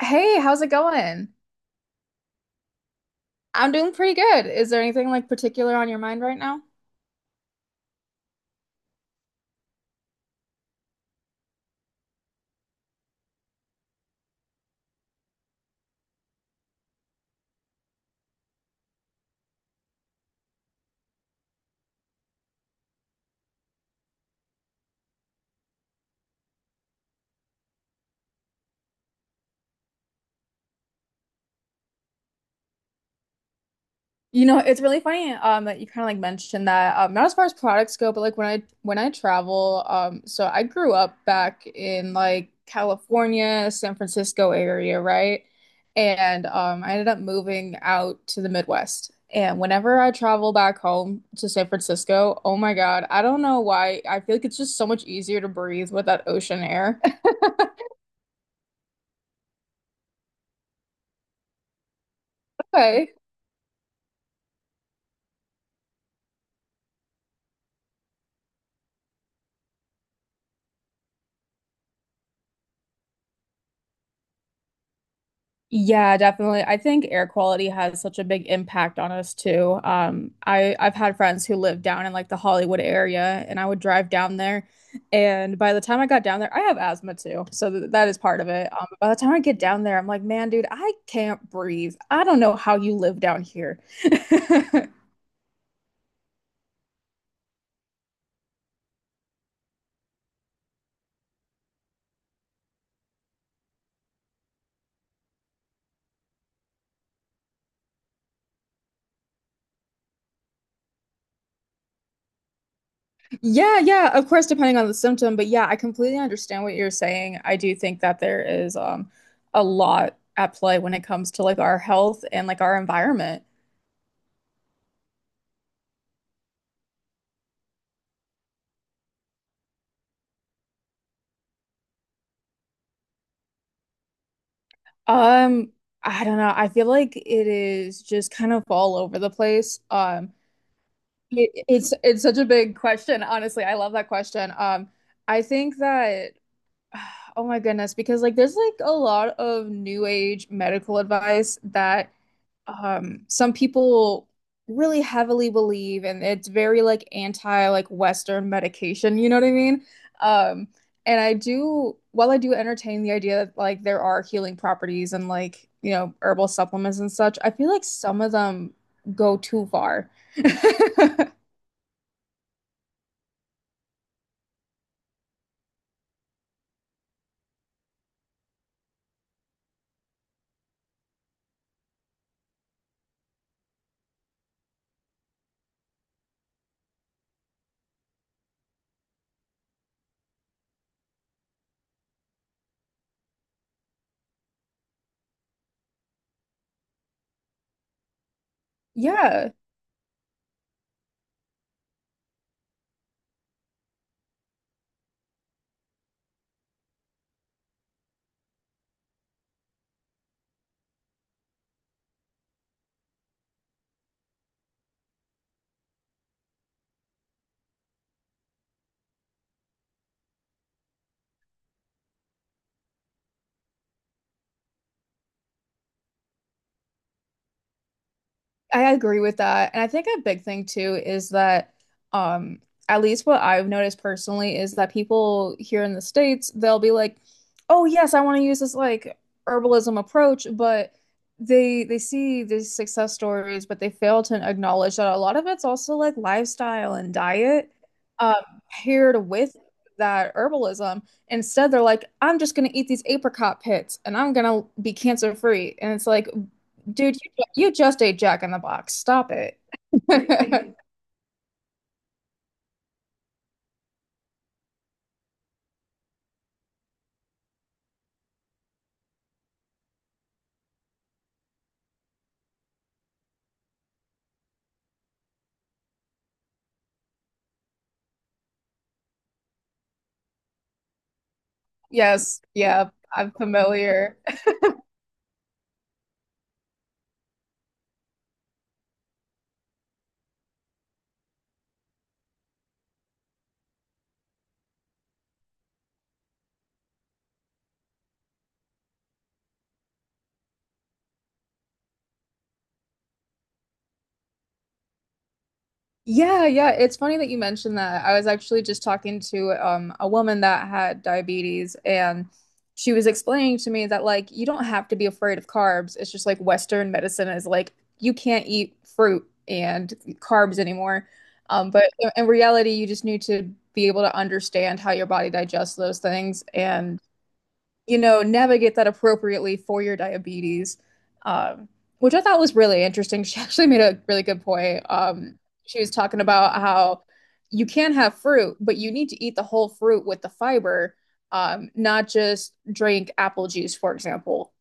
Hey, how's it going? I'm doing pretty good. Is there anything like particular on your mind right now? You know, it's really funny that you kind of like mentioned that not as far as products go, but like when I travel so I grew up back in like California, San Francisco area, right? And I ended up moving out to the Midwest. And whenever I travel back home to San Francisco, oh my God, I don't know why. I feel like it's just so much easier to breathe with that ocean air. Okay. Yeah, definitely. I think air quality has such a big impact on us too. I've had friends who live down in like the Hollywood area, and I would drive down there, and by the time I got down there, I have asthma too, so th that is part of it. By the time I get down there, I'm like, man, dude, I can't breathe. I don't know how you live down here. Yeah, yeah, of course, depending on the symptom, but yeah, I completely understand what you're saying. I do think that there is a lot at play when it comes to like our health and like our environment. Um, I don't know. I feel like it is just kind of all over the place. It's such a big question, honestly. I love that question. I think that oh my goodness, because like there's like a lot of new age medical advice that some people really heavily believe, and it's very like anti like Western medication, you know what I mean? Um and I do, while I do entertain the idea that like there are healing properties and, like, you know, herbal supplements and such, I feel like some of them go too far. Yeah. I agree with that. And I think a big thing too is that um at least what I've noticed personally is that people here in the States, they'll be like, "Oh yes, I want to use this like herbalism approach," but they see these success stories, but they fail to acknowledge that a lot of it's also like lifestyle and diet um paired with that herbalism. Instead, they're like, "I'm just going to eat these apricot pits and I'm going to be cancer free." And it's like, dude, you just ate Jack in the Box. Stop it. Yes, yeah, I'm familiar. Yeah, yeah. It's funny that you mentioned that. I was actually just talking to a woman that had diabetes, and she was explaining to me that like you don't have to be afraid of carbs. It's just like Western medicine is like you can't eat fruit and carbs anymore. But in reality, you just need to be able to understand how your body digests those things and, you know, navigate that appropriately for your diabetes, um, which I thought was really interesting. She actually made a really good point. She was talking about how you can have fruit, but you need to eat the whole fruit with the fiber, not just drink apple juice, for example.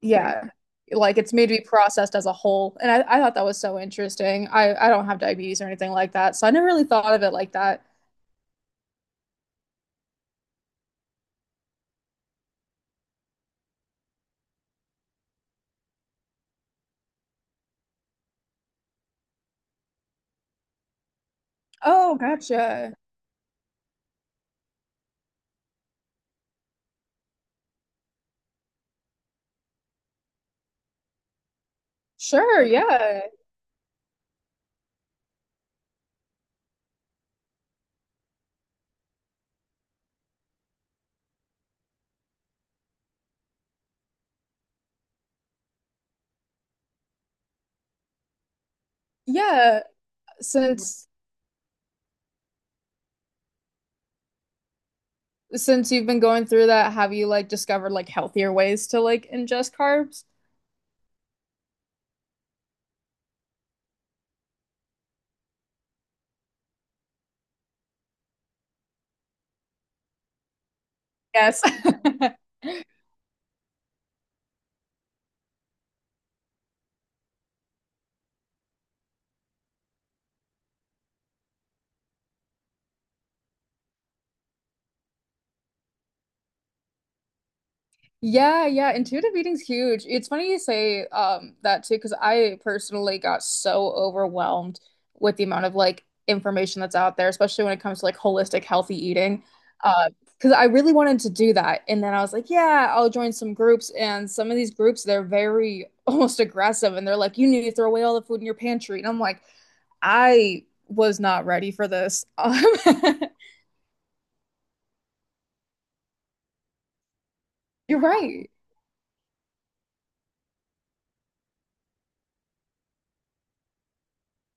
Yeah. Like it's made to be processed as a whole. And I thought that was so interesting. I don't have diabetes or anything like that. So I never really thought of it like that. Oh, gotcha. Sure. Yeah. Yeah. Since since you've been going through that, have you like discovered like healthier ways to like ingest carbs? Yes. Yeah, yeah, intuitive eating's huge. It's funny you say that too, because I personally got so overwhelmed with the amount of like information that's out there, especially when it comes to like holistic healthy eating. Uh, because I really wanted to do that. And then I was like, yeah, I'll join some groups. And some of these groups, they're very almost aggressive and they're like, you need to throw away all the food in your pantry. And I'm like, I was not ready for this. You're right.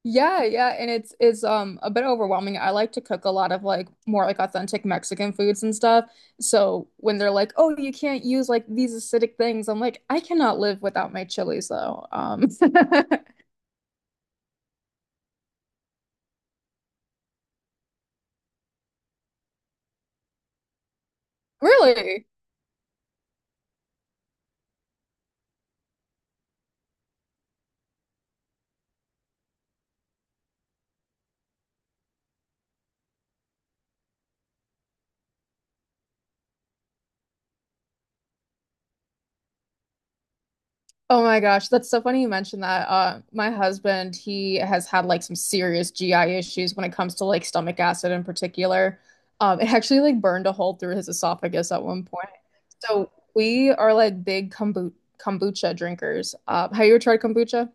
Yeah, yeah, and it's a bit overwhelming. I like to cook a lot of like more like authentic Mexican foods and stuff. So when they're like, "Oh, you can't use like these acidic things," I'm like, "I cannot live without my chilies though." Really. Oh my gosh, that's so funny you mentioned that. My husband, he has had like some serious GI issues when it comes to like stomach acid in particular. It actually like burned a hole through his esophagus at one point. So we are like big kombucha drinkers. Have you ever tried kombucha?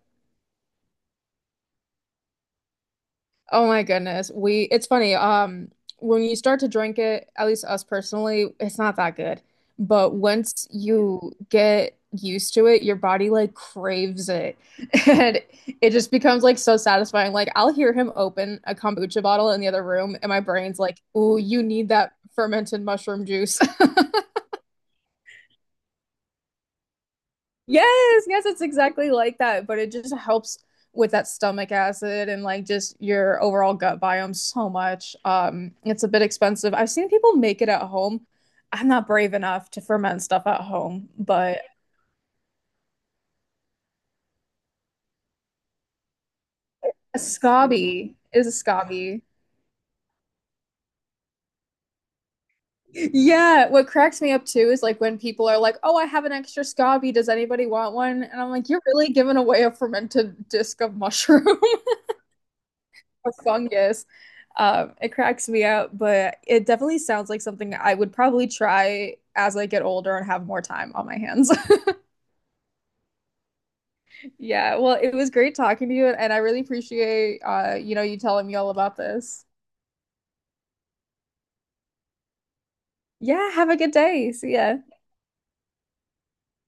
Oh my goodness. We it's funny. When you start to drink it, at least us personally, it's not that good. But once you get used to it, your body like craves it. And it just becomes like so satisfying. Like I'll hear him open a kombucha bottle in the other room and my brain's like, "Ooh, you need that fermented mushroom juice." Yes, yes, it's exactly like that, but it just helps with that stomach acid and like just your overall gut biome so much. It's a bit expensive. I've seen people make it at home. I'm not brave enough to ferment stuff at home, but a scabi is a scabi. Yeah, what cracks me up too is like when people are like, "Oh, I have an extra scabi. Does anybody want one?" And I'm like, "You're really giving away a fermented disc of mushroom." A fungus. It cracks me up, but it definitely sounds like something I would probably try as I get older and have more time on my hands. Yeah, well, it was great talking to you, and I really appreciate you know, you telling me all about this. Yeah, have a good day. See ya.